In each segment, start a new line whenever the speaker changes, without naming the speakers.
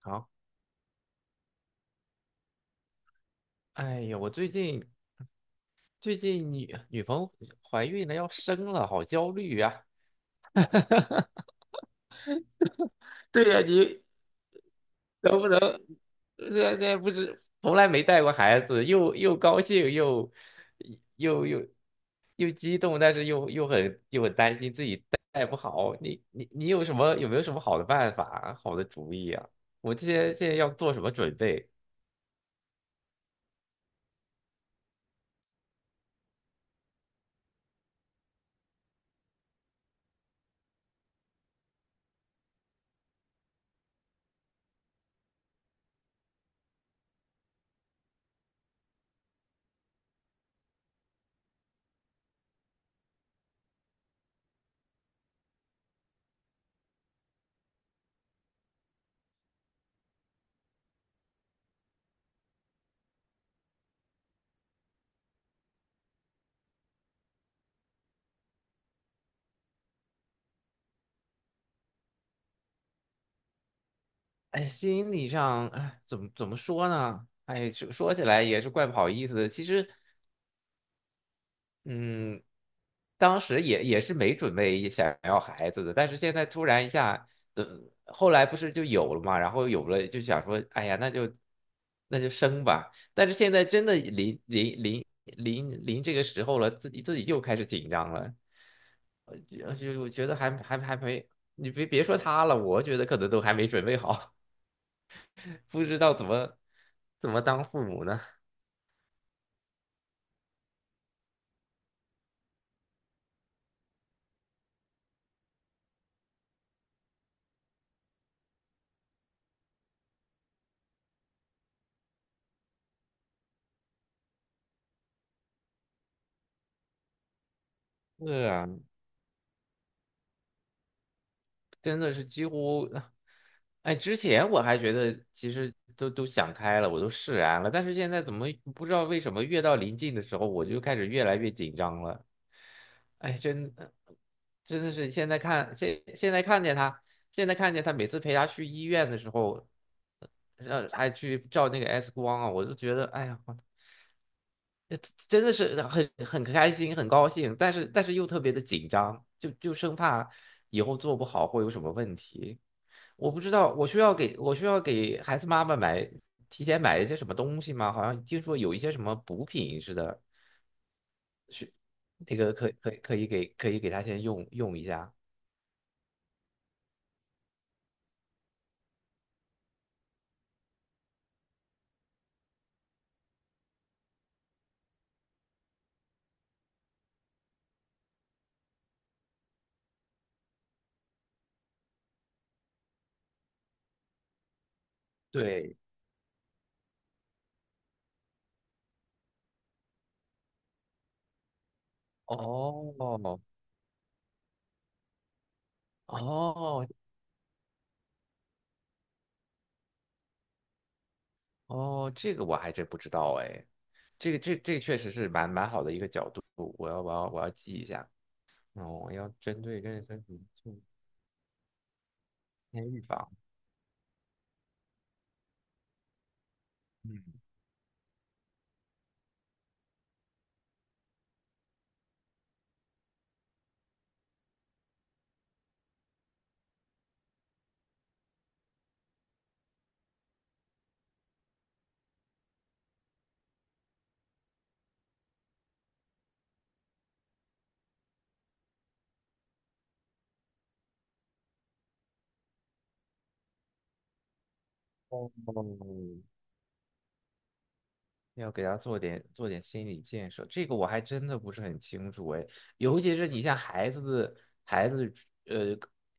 好。我最近女朋友怀孕了，要生了，好焦虑啊！对呀，你能不能，这不是从来没带过孩子，又又高兴又又又又激动，但是又很担心自己带不好。你有什么，有没有什么好的办法、好的主意啊？我这些要做什么准备？哎，心理上，哎，怎么说呢？哎，说起来也是怪不好意思的。其实嗯，当时也是没准备想要孩子的，但是现在突然一下，等后来不是就有了嘛，然后有了就想说，哎呀，那就生吧。但是现在真的临这个时候了，自己又开始紧张了，就觉得还没，你别说他了，我觉得可能都还没准备好，不知道怎么当父母呢。是啊。真的是几乎，哎，之前我还觉得其实都想开了，我都释然了，但是现在怎么不知道为什么越到临近的时候，我就开始越来越紧张了。哎，真的是现在看见他现在看见他每次陪他去医院的时候，让还去照那个 X 光啊，我就觉得哎呀，真的是很开心，很高兴，但是又特别的紧张，就生怕以后做不好会有什么问题。我不知道，我需要给孩子妈妈买，提前买一些什么东西吗？好像听说有一些什么补品似的，那个可以给他先用一下。对。哦哦哦，这个我还真不知道哎，这个确实是蛮好的一个角度，我要记一下。哦，要针对这个身体做先预防。嗯。哦，要给他做点心理建设，这个我还真的不是很清楚哎。尤其是你像孩子，孩子呃，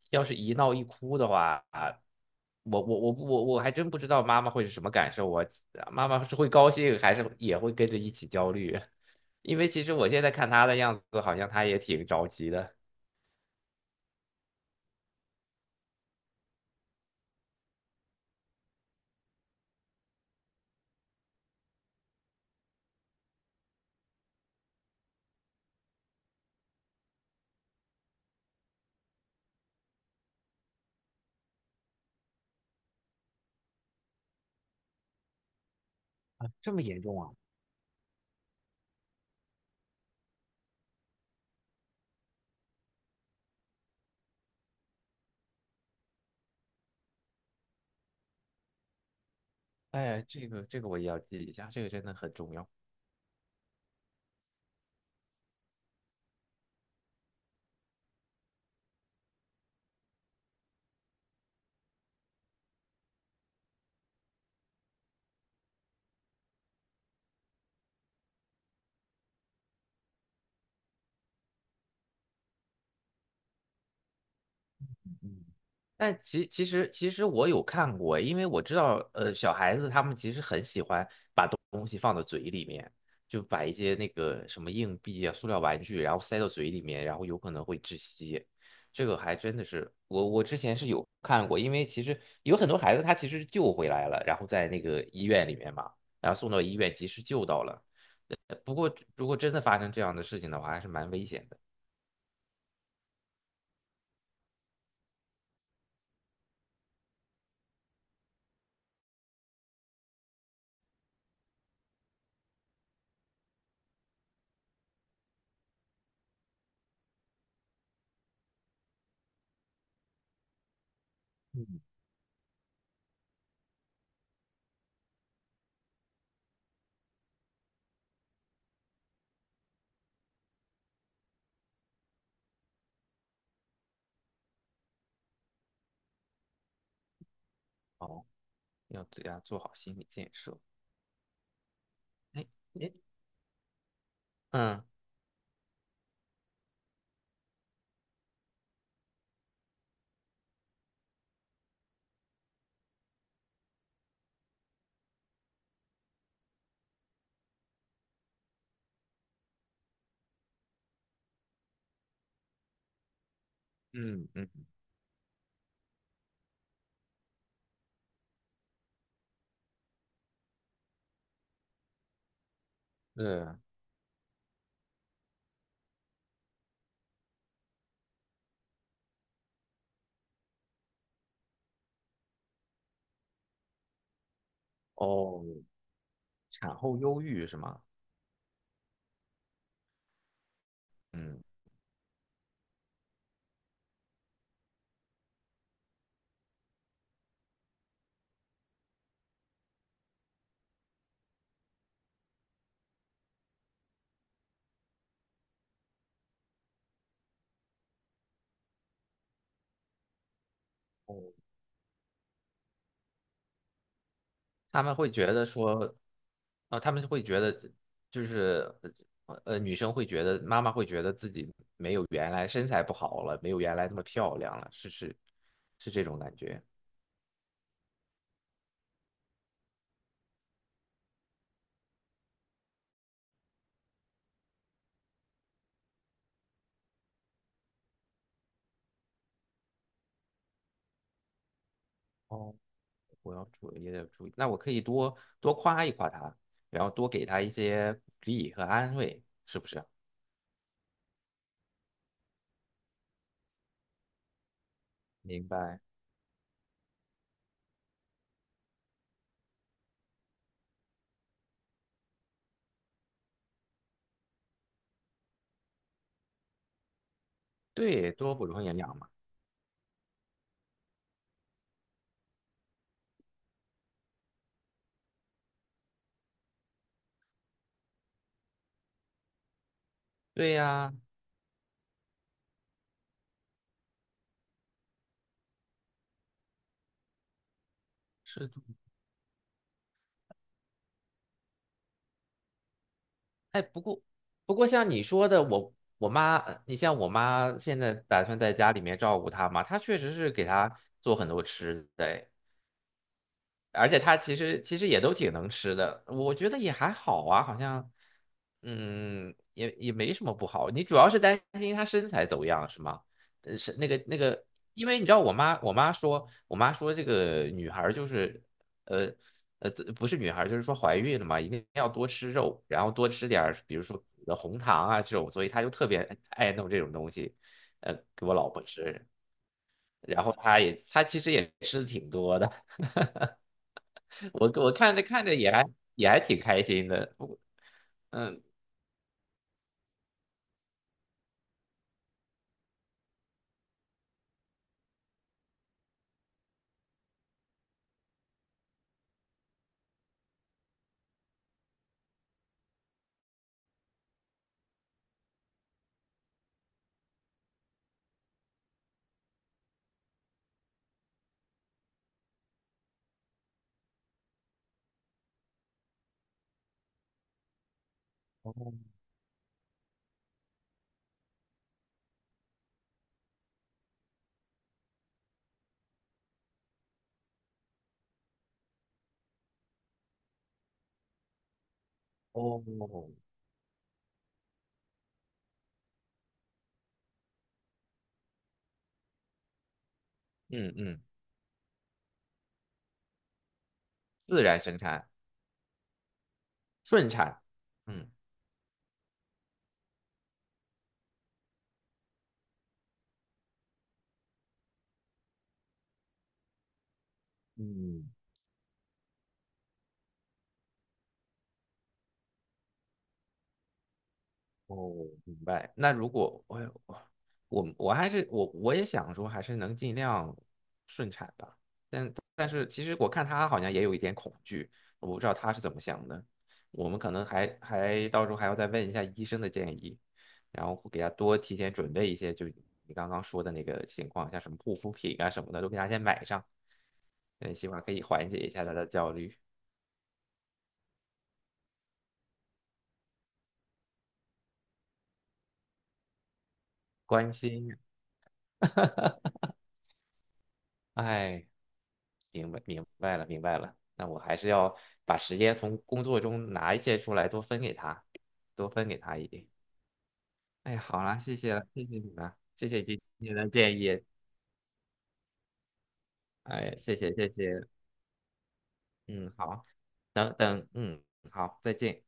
要是一闹一哭的话，啊，我还真不知道妈妈会是什么感受，我妈妈是会高兴，还是也会跟着一起焦虑？因为其实我现在看他的样子，好像他也挺着急的。啊，这么严重啊？哎，这个我也要记一下，这个真的很重要。嗯，其实我有看过，因为我知道，呃，小孩子他们其实很喜欢把东西放到嘴里面，就把一些那个什么硬币啊、塑料玩具，然后塞到嘴里面，然后有可能会窒息。这个还真的是，我之前是有看过，因为其实有很多孩子他其实救回来了，然后在那个医院里面嘛，然后送到医院及时救到了。不过如果真的发生这样的事情的话，还是蛮危险的。嗯。哦，要对他做好心理建设。哎哎,嗯嗯,是。哦，产后忧郁是吗？嗯。哦，他们会觉得说，啊、他们会觉得就是女生会觉得，妈妈会觉得自己没有原来身材不好了，没有原来那么漂亮了，是这种感觉。哦，我要注意，也得注意。那我可以多多夸一夸她，然后多给她一些鼓励和安慰，是不是？明白。对，多补充营养嘛。对呀、是。哎，不过像你说的，我妈，你像我妈现在打算在家里面照顾她嘛，她确实是给她做很多吃的，哎，而且它其实也都挺能吃的，我觉得也还好啊，好像嗯也没什么不好。你主要是担心它身材走样是吗？呃，是那个那个，因为你知道我妈说这个女孩儿就是呃，不是女孩儿，就是说怀孕了嘛，一定要多吃肉，然后多吃点儿比如说呃红糖啊这种，所以她就特别爱弄这种东西，呃给我老婆吃，然后她其实也吃的挺多的。我看着看着也还，挺开心的，不过嗯。哦哦嗯嗯，自然生产，顺产。嗯嗯。哦，明白。那如果我我我还是我也想说，还是能尽量顺产吧。但是其实我看他好像也有一点恐惧，我不知道他是怎么想的。我们可能到时候还要再问一下医生的建议，然后给他多提前准备一些，就你刚刚说的那个情况，像什么护肤品啊什么的，都给他先买上。嗯，希望可以缓解一下他的焦虑，关心。哎，明白了，那我还是要把时间从工作中拿一些出来，多分给他，多分给他一点。哎，好了，谢谢了，谢谢你们，谢谢今天的建议，哎，谢谢，嗯，好，等等，嗯，好，再见。